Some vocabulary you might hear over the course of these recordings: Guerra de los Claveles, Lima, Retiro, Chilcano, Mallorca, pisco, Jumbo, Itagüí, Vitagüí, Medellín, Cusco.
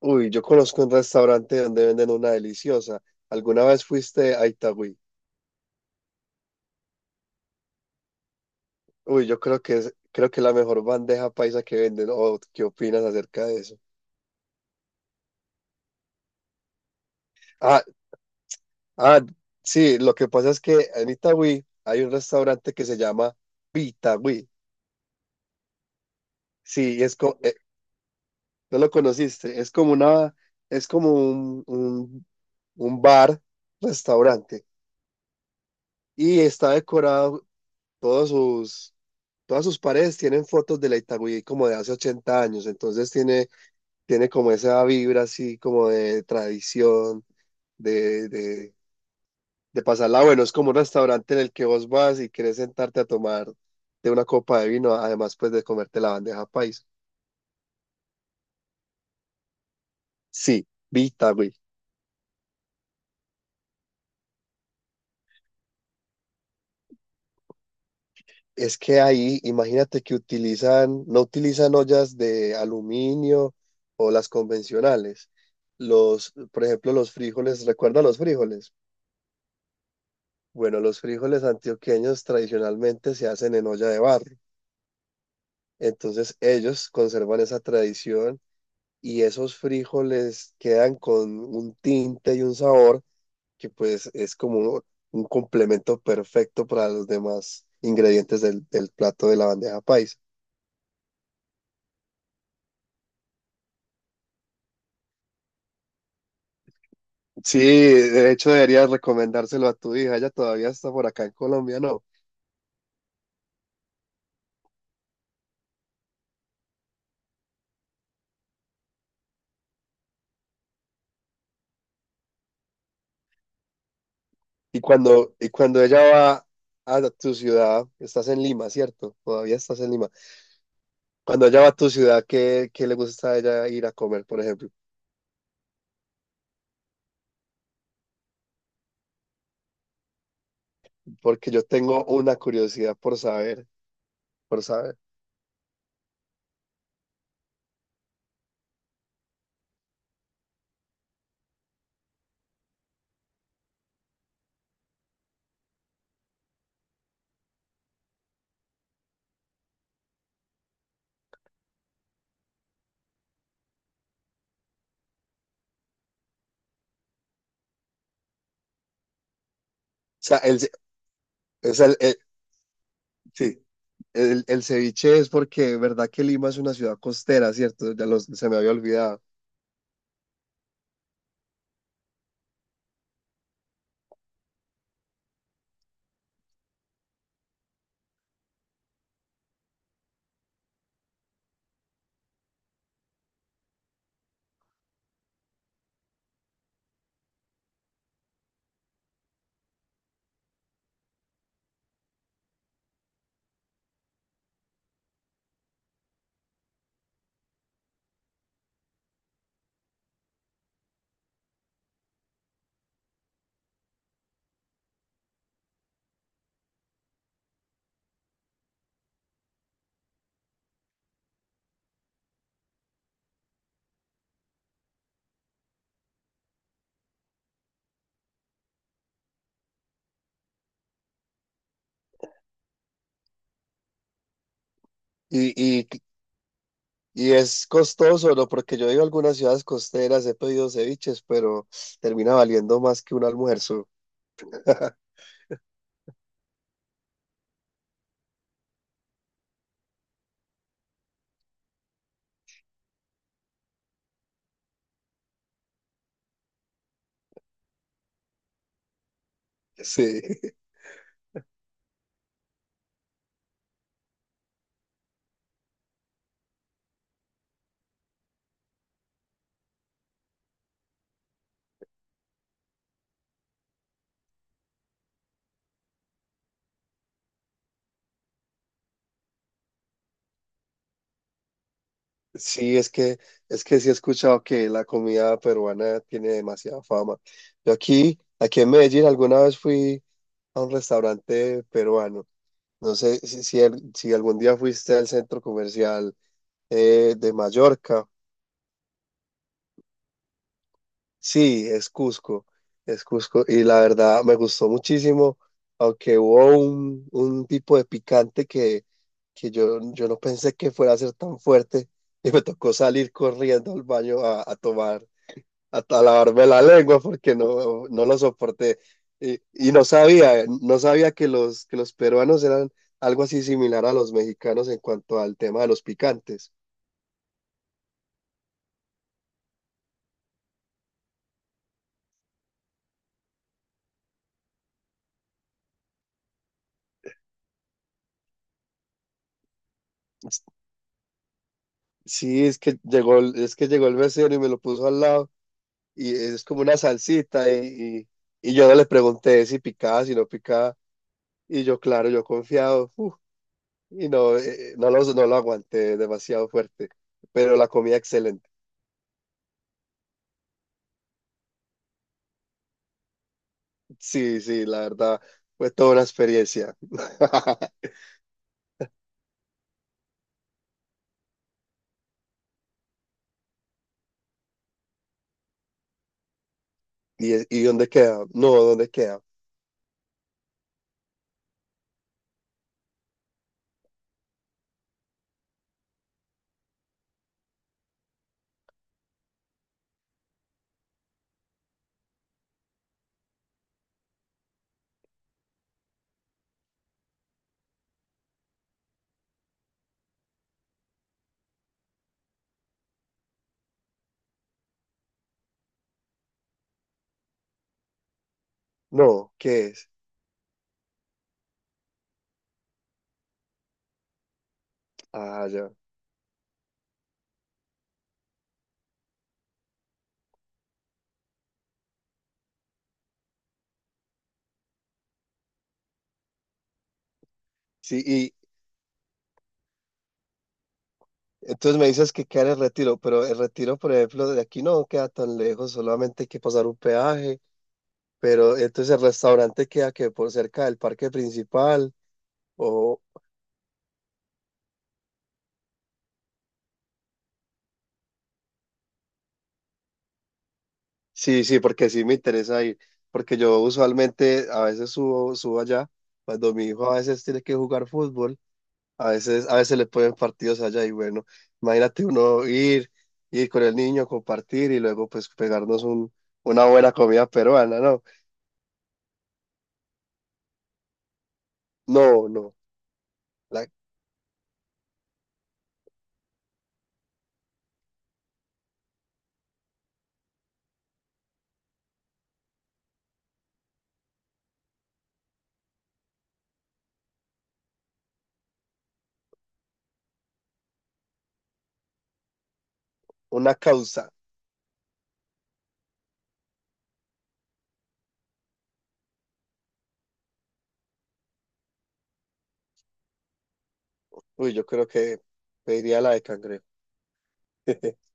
Uy, yo conozco un restaurante donde venden una deliciosa. ¿Alguna vez fuiste a Itagüí? Uy, yo creo que es la mejor bandeja paisa que venden. ¿O qué opinas acerca de eso? Ah, ah, sí, lo que pasa es que en Itagüí hay un restaurante que se llama Vitagüí. Sí, y es no lo conociste, es como una, es como un bar, restaurante, y está decorado todos sus Todas sus paredes tienen fotos de la Itagüí como de hace 80 años, entonces tiene, tiene como esa vibra así como de tradición, de, de, de pasarla bueno. Es como un restaurante en el que vos vas y querés sentarte a tomar de una copa de vino, además pues de comerte la bandeja paisa. Sí, vi Itagüí. Es que ahí, imagínate que utilizan, no utilizan ollas de aluminio o las convencionales. Los, por ejemplo, los frijoles, ¿recuerda los frijoles? Bueno, los frijoles antioqueños tradicionalmente se hacen en olla de barro. Entonces ellos conservan esa tradición y esos frijoles quedan con un tinte y un sabor que pues es como un complemento perfecto para los demás ingredientes del plato de la bandeja paisa. Sí, de hecho deberías recomendárselo a tu hija, ella todavía está por acá en Colombia, ¿no? Y cuando ella va a tu ciudad, estás en Lima, ¿cierto? Todavía estás en Lima. Cuando ella va a tu ciudad, ¿qué le gusta a ella ir a comer, por ejemplo? Porque yo tengo una curiosidad por saber, por saber. O sea, el, ce- o sea, el- Sí, el ceviche es porque, ¿verdad que Lima es una ciudad costera, cierto? Se me había olvidado. Y, y, y es costoso, ¿no? Porque yo he ido a algunas ciudades costeras, he pedido ceviches, pero termina valiendo más que un almuerzo. Sí. Sí, es que sí he escuchado que la comida peruana tiene demasiada fama. Yo aquí en Medellín, alguna vez fui a un restaurante peruano. No sé si algún día fuiste al centro comercial de Mallorca. Sí, es es Cusco. Y la verdad me gustó muchísimo, aunque hubo un tipo de picante yo no pensé que fuera a ser tan fuerte y me tocó salir corriendo al baño a tomar, a lavarme la lengua porque no lo soporté. Y no sabía, no sabía que los peruanos eran algo así similar a los mexicanos en cuanto al tema de los picantes. Sí, es que llegó el mesero y me lo puso al lado. Y es como una salsita y yo no le pregunté si picaba, si no picaba y yo claro, y no, no lo aguanté demasiado fuerte, pero la comida excelente. Sí, sí, la verdad fue toda una experiencia. ¿Y, y dónde queda? No, ¿dónde queda? No, ¿qué es? Ah, ya. Sí, y entonces me dices que queda en el Retiro, pero el Retiro, por ejemplo, de aquí no queda tan lejos, solamente hay que pasar un peaje. Pero entonces el restaurante queda que por cerca del parque principal o sí, sí, porque sí me interesa ir, porque yo usualmente a veces subo allá, cuando mi hijo a veces tiene que jugar fútbol, a veces le ponen partidos allá y bueno, imagínate uno ir con el niño, compartir y luego pues pegarnos una buena comida peruana, no, no, no, la, una causa, uy, yo creo que pediría la de cangrejo.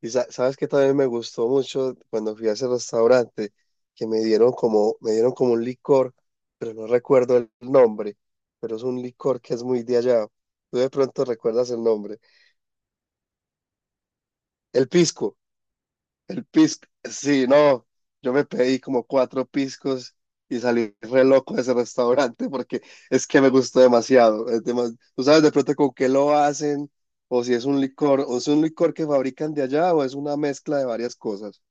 Y sa- sabes que también me gustó mucho cuando fui a ese restaurante, que me me dieron como un licor, pero no recuerdo el nombre, pero es un licor que es muy de allá. Tú de pronto recuerdas el nombre. El pisco, el pisco. Sí, no, yo me pedí como cuatro piscos y salí re loco de ese restaurante porque es que me gustó demasiado. Es demas- Tú sabes de pronto con qué lo hacen, o si es un licor, o es un licor que fabrican de allá, o es una mezcla de varias cosas.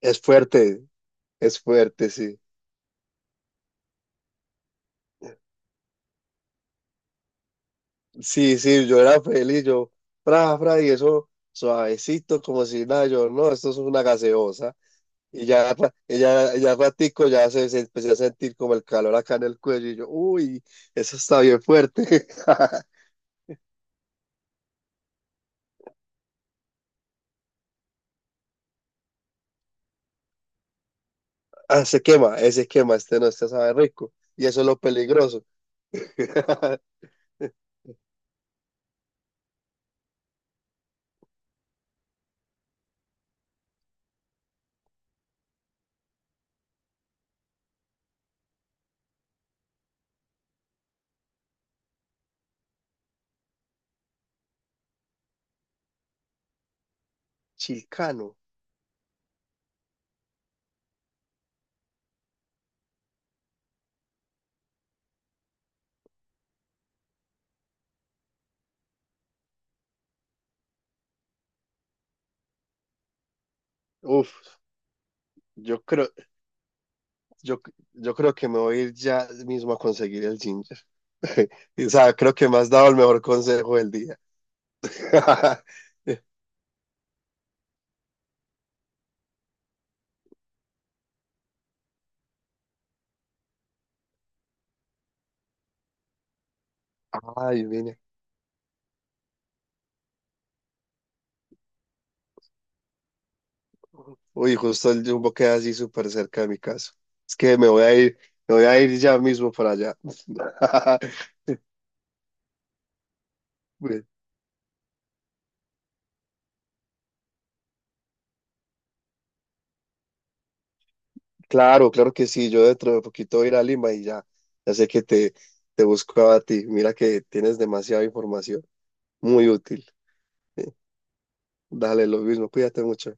Es es fuerte, sí. Sí, sí, yo era feliz, fra, fra, y eso suavecito, como si nada, yo, no, esto es una gaseosa. Y ya ratico, ya se empecé a sentir como el calor acá en el cuello, y yo, uy, eso está bien fuerte. Ah, se quema, ese quema, este no, este sabe rico. Y eso es lo peligroso. Chilcano, uf, yo creo, yo, yo creo que me voy a ir ya mismo a conseguir el ginger. O sea, creo que me has dado el mejor consejo del día. Ay, mira. Uy, justo el Jumbo queda así súper cerca de mi casa. Es que me voy a me voy a ir ya mismo para allá. Pues, claro, claro que sí. Yo dentro de poquito voy a ir a Lima y ya sé que te busco a ti. Mira que tienes demasiada información, muy útil. Dale, lo mismo, cuídate mucho.